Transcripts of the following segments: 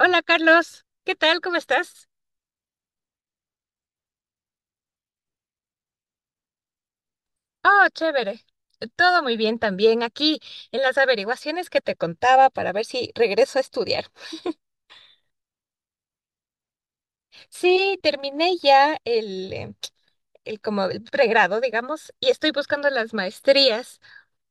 Hola Carlos, ¿qué tal? ¿Cómo estás? Oh, chévere. Todo muy bien también aquí en las averiguaciones que te contaba para ver si regreso a estudiar. Sí, terminé ya el como el pregrado, digamos, y estoy buscando las maestrías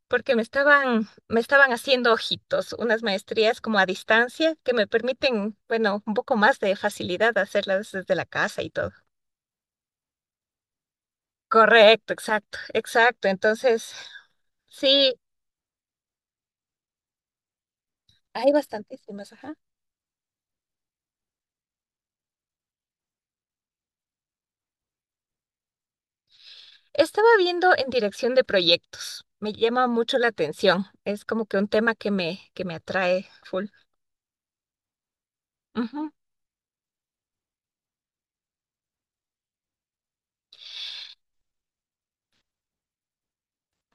porque me estaban haciendo ojitos, unas maestrías como a distancia que me permiten, bueno, un poco más de facilidad hacerlas desde la casa y todo. Correcto, exacto, exacto. Entonces, sí, hay bastantísimas, ajá. Estaba viendo en dirección de proyectos. Me llama mucho la atención. Es como que un tema que que me atrae full. Ujú.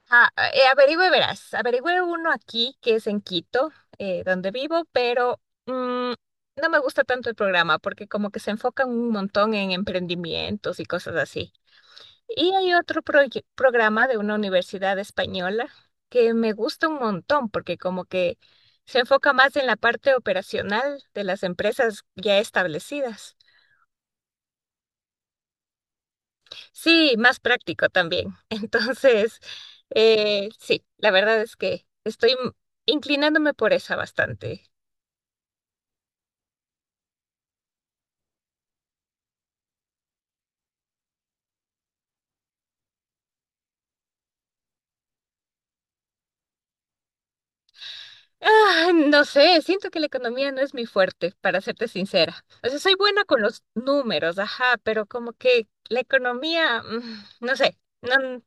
Ah, averigüe, verás. Averigüe uno aquí que es en Quito, donde vivo, pero mm, no me gusta tanto el programa porque como que se enfocan un montón en emprendimientos y cosas así. Y hay otro programa de una universidad española que me gusta un montón porque como que se enfoca más en la parte operacional de las empresas ya establecidas. Sí, más práctico también. Entonces, sí, la verdad es que estoy inclinándome por esa bastante. Ah, no sé, siento que la economía no es mi fuerte, para serte sincera. O sea, soy buena con los números, ajá, pero como que la economía, no sé. No.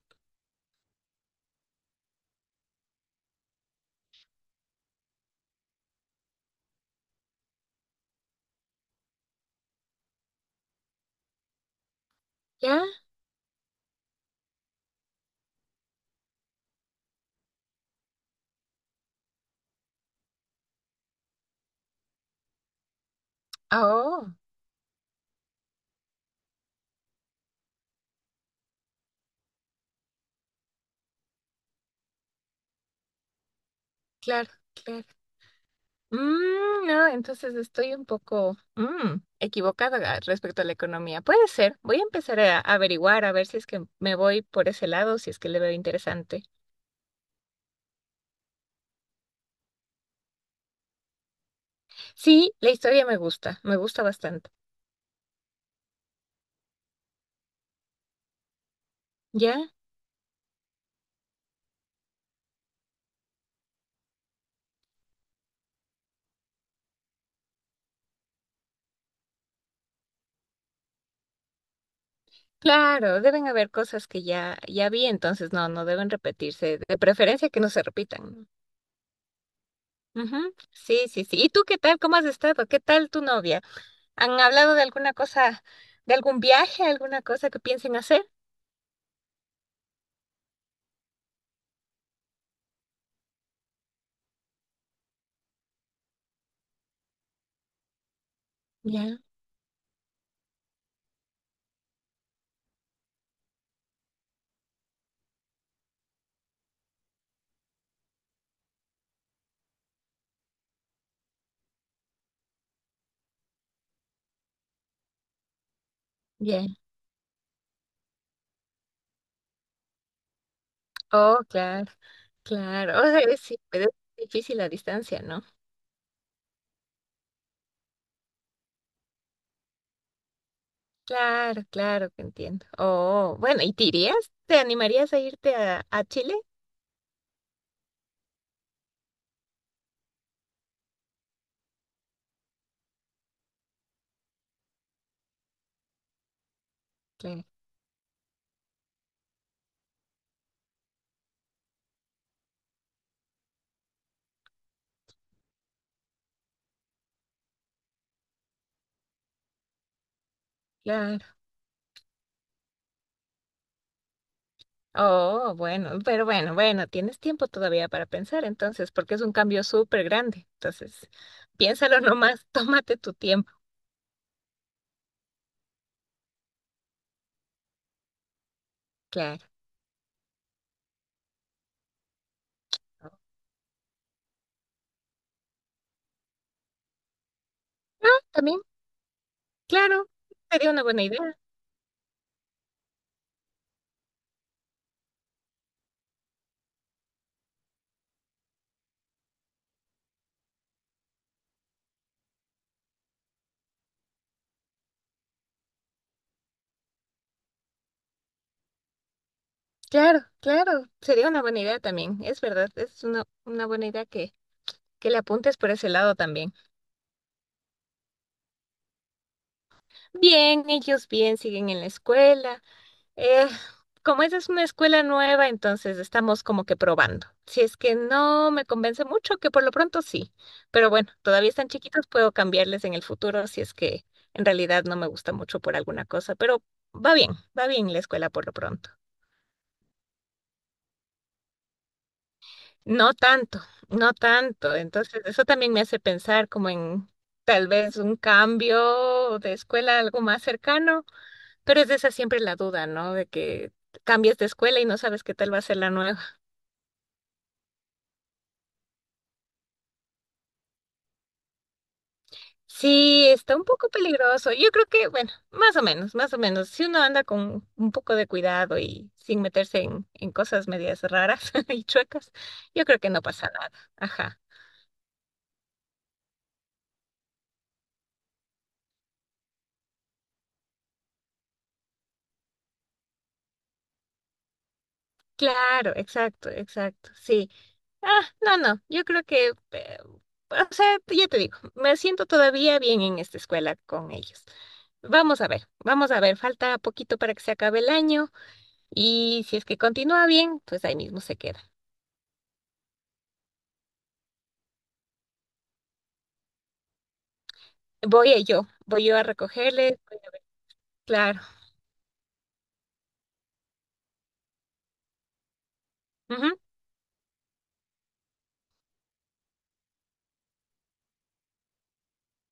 ¿Ya? Ah. Oh, claro, claro. No, entonces estoy un poco equivocada respecto a la economía. Puede ser. Voy a empezar a averiguar, a ver si es que me voy por ese lado, si es que le veo interesante. Sí, la historia me gusta bastante. ¿Ya? Claro, deben haber cosas que ya, ya vi, entonces no, no deben repetirse. De preferencia que no se repitan. Ujú. Sí, sí, sí. ¿Y tú qué tal? ¿Cómo has estado? ¿Qué tal tu novia? ¿Han hablado de alguna cosa, de algún viaje, alguna cosa que piensen hacer? Ya, bien. Oh, claro, claro. O sea, sí, pero es difícil la distancia, ¿no? Claro, claro que entiendo. Oh, bueno, ¿y te irías? ¿Te animarías a irte a Chile? Claro, claro. Oh, bueno, pero bueno, bueno, tienes tiempo todavía para pensar entonces, porque es un cambio súper grande. Entonces, piénsalo nomás, tómate tu tiempo. Claro. Ah, también, claro, sería una buena idea. Claro, claro, sería una buena idea también, es verdad, es una buena idea que le apuntes por ese lado también. Bien, ellos bien, siguen en la escuela. Eh, Como esa es una escuela nueva, entonces estamos como que probando. Si es que no me convence mucho, que por lo pronto sí, pero bueno, todavía están chiquitos, puedo cambiarles en el futuro si es que en realidad no me gusta mucho por alguna cosa, pero va bien, va bien la escuela por lo pronto. No tanto, no tanto. Entonces, eso también me hace pensar como en tal vez un cambio de escuela, a algo más cercano, pero es de esa siempre la duda, ¿no? De que cambies de escuela y no sabes qué tal va a ser la nueva. Sí, está un poco peligroso. Yo creo que, bueno, más o menos, más o menos. Si uno anda con un poco de cuidado y sin meterse en cosas medias raras y chuecas, yo creo que no pasa nada. Ajá. Claro, exacto, exacto. Sí. Ah, no, no, yo creo que, o sea, ya te digo, me siento todavía bien en esta escuela con ellos. Vamos a ver, falta poquito para que se acabe el año y si es que continúa bien, pues ahí mismo se queda. Yo, voy yo a recogerle. Voy a ver. Claro, ujú,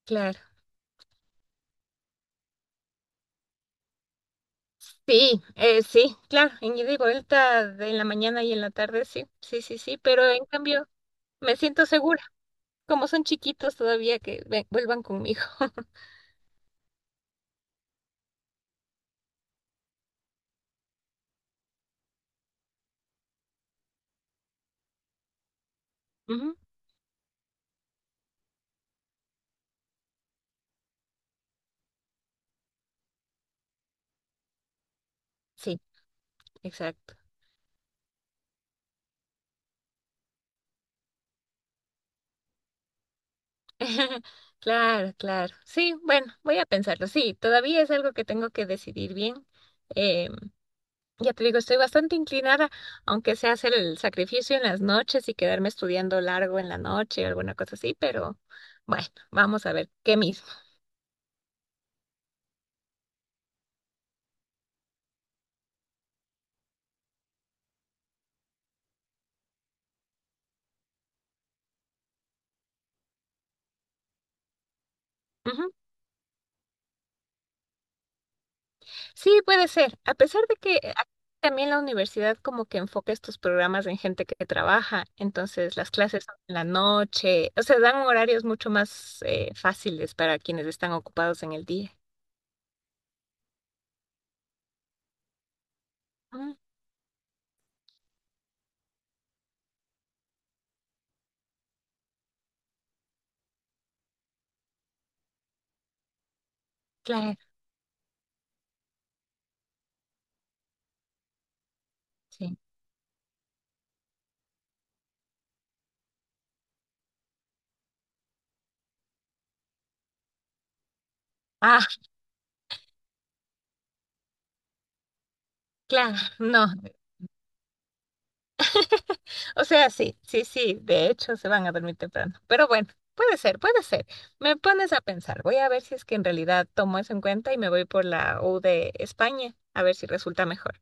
claro. Sí, sí, claro, en ida y vuelta en la mañana y en la tarde, sí, sí, sí, sí, pero en cambio me siento segura, como son chiquitos todavía que vuelvan conmigo. Ujú. Sí, exacto. Claro, claro. Sí, bueno, voy a pensarlo. Sí, todavía es algo que tengo que decidir bien. Eh, ya te digo, estoy bastante inclinada, aunque sea hacer el sacrificio en las noches y quedarme estudiando largo en la noche o alguna cosa así, pero bueno, vamos a ver qué mismo. Ujú. Sí, puede ser. A pesar de que también la universidad como que enfoca estos programas en gente que trabaja, entonces las clases son en la noche, o sea, dan horarios mucho más fáciles para quienes están ocupados en el día. Ah, claro, sí. Ah, claro, no. O sea, sí, sí, sí, de hecho se van a dormir temprano. Pero bueno, puede ser, puede ser. Me pones a pensar. Voy a ver si es que en realidad tomo eso en cuenta y me voy por la U de España, a ver si resulta mejor.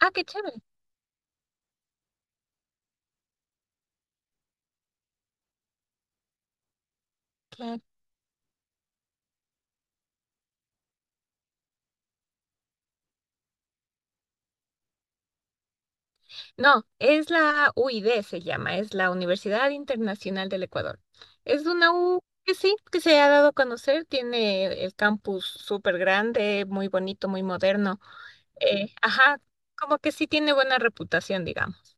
Ah, qué chévere. Claro. No, es la UID se llama, es la Universidad Internacional del Ecuador. Es una U que sí, que se ha dado a conocer, tiene el campus súper grande, muy bonito, muy moderno. Ajá, como que sí tiene buena reputación, digamos.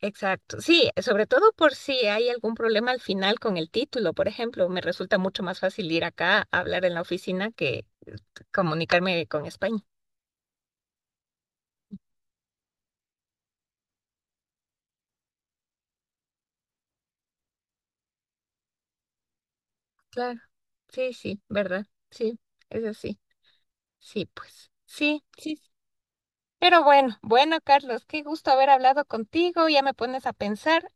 Exacto. Sí, sobre todo por si hay algún problema al final con el título, por ejemplo, me resulta mucho más fácil ir acá a hablar en la oficina que comunicarme con España. Claro. Sí, sí, ¿verdad? Sí, es así. Sí, pues. Sí, sí, sí. Pero bueno, bueno, Carlos, qué gusto haber hablado contigo, ya me pones a pensar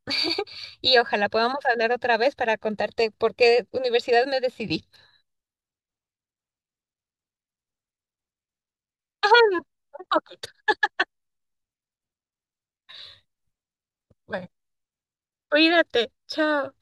y ojalá podamos hablar otra vez para contarte por qué universidad me decidí. Ajá, un poquito. Bueno. Cuídate, chao.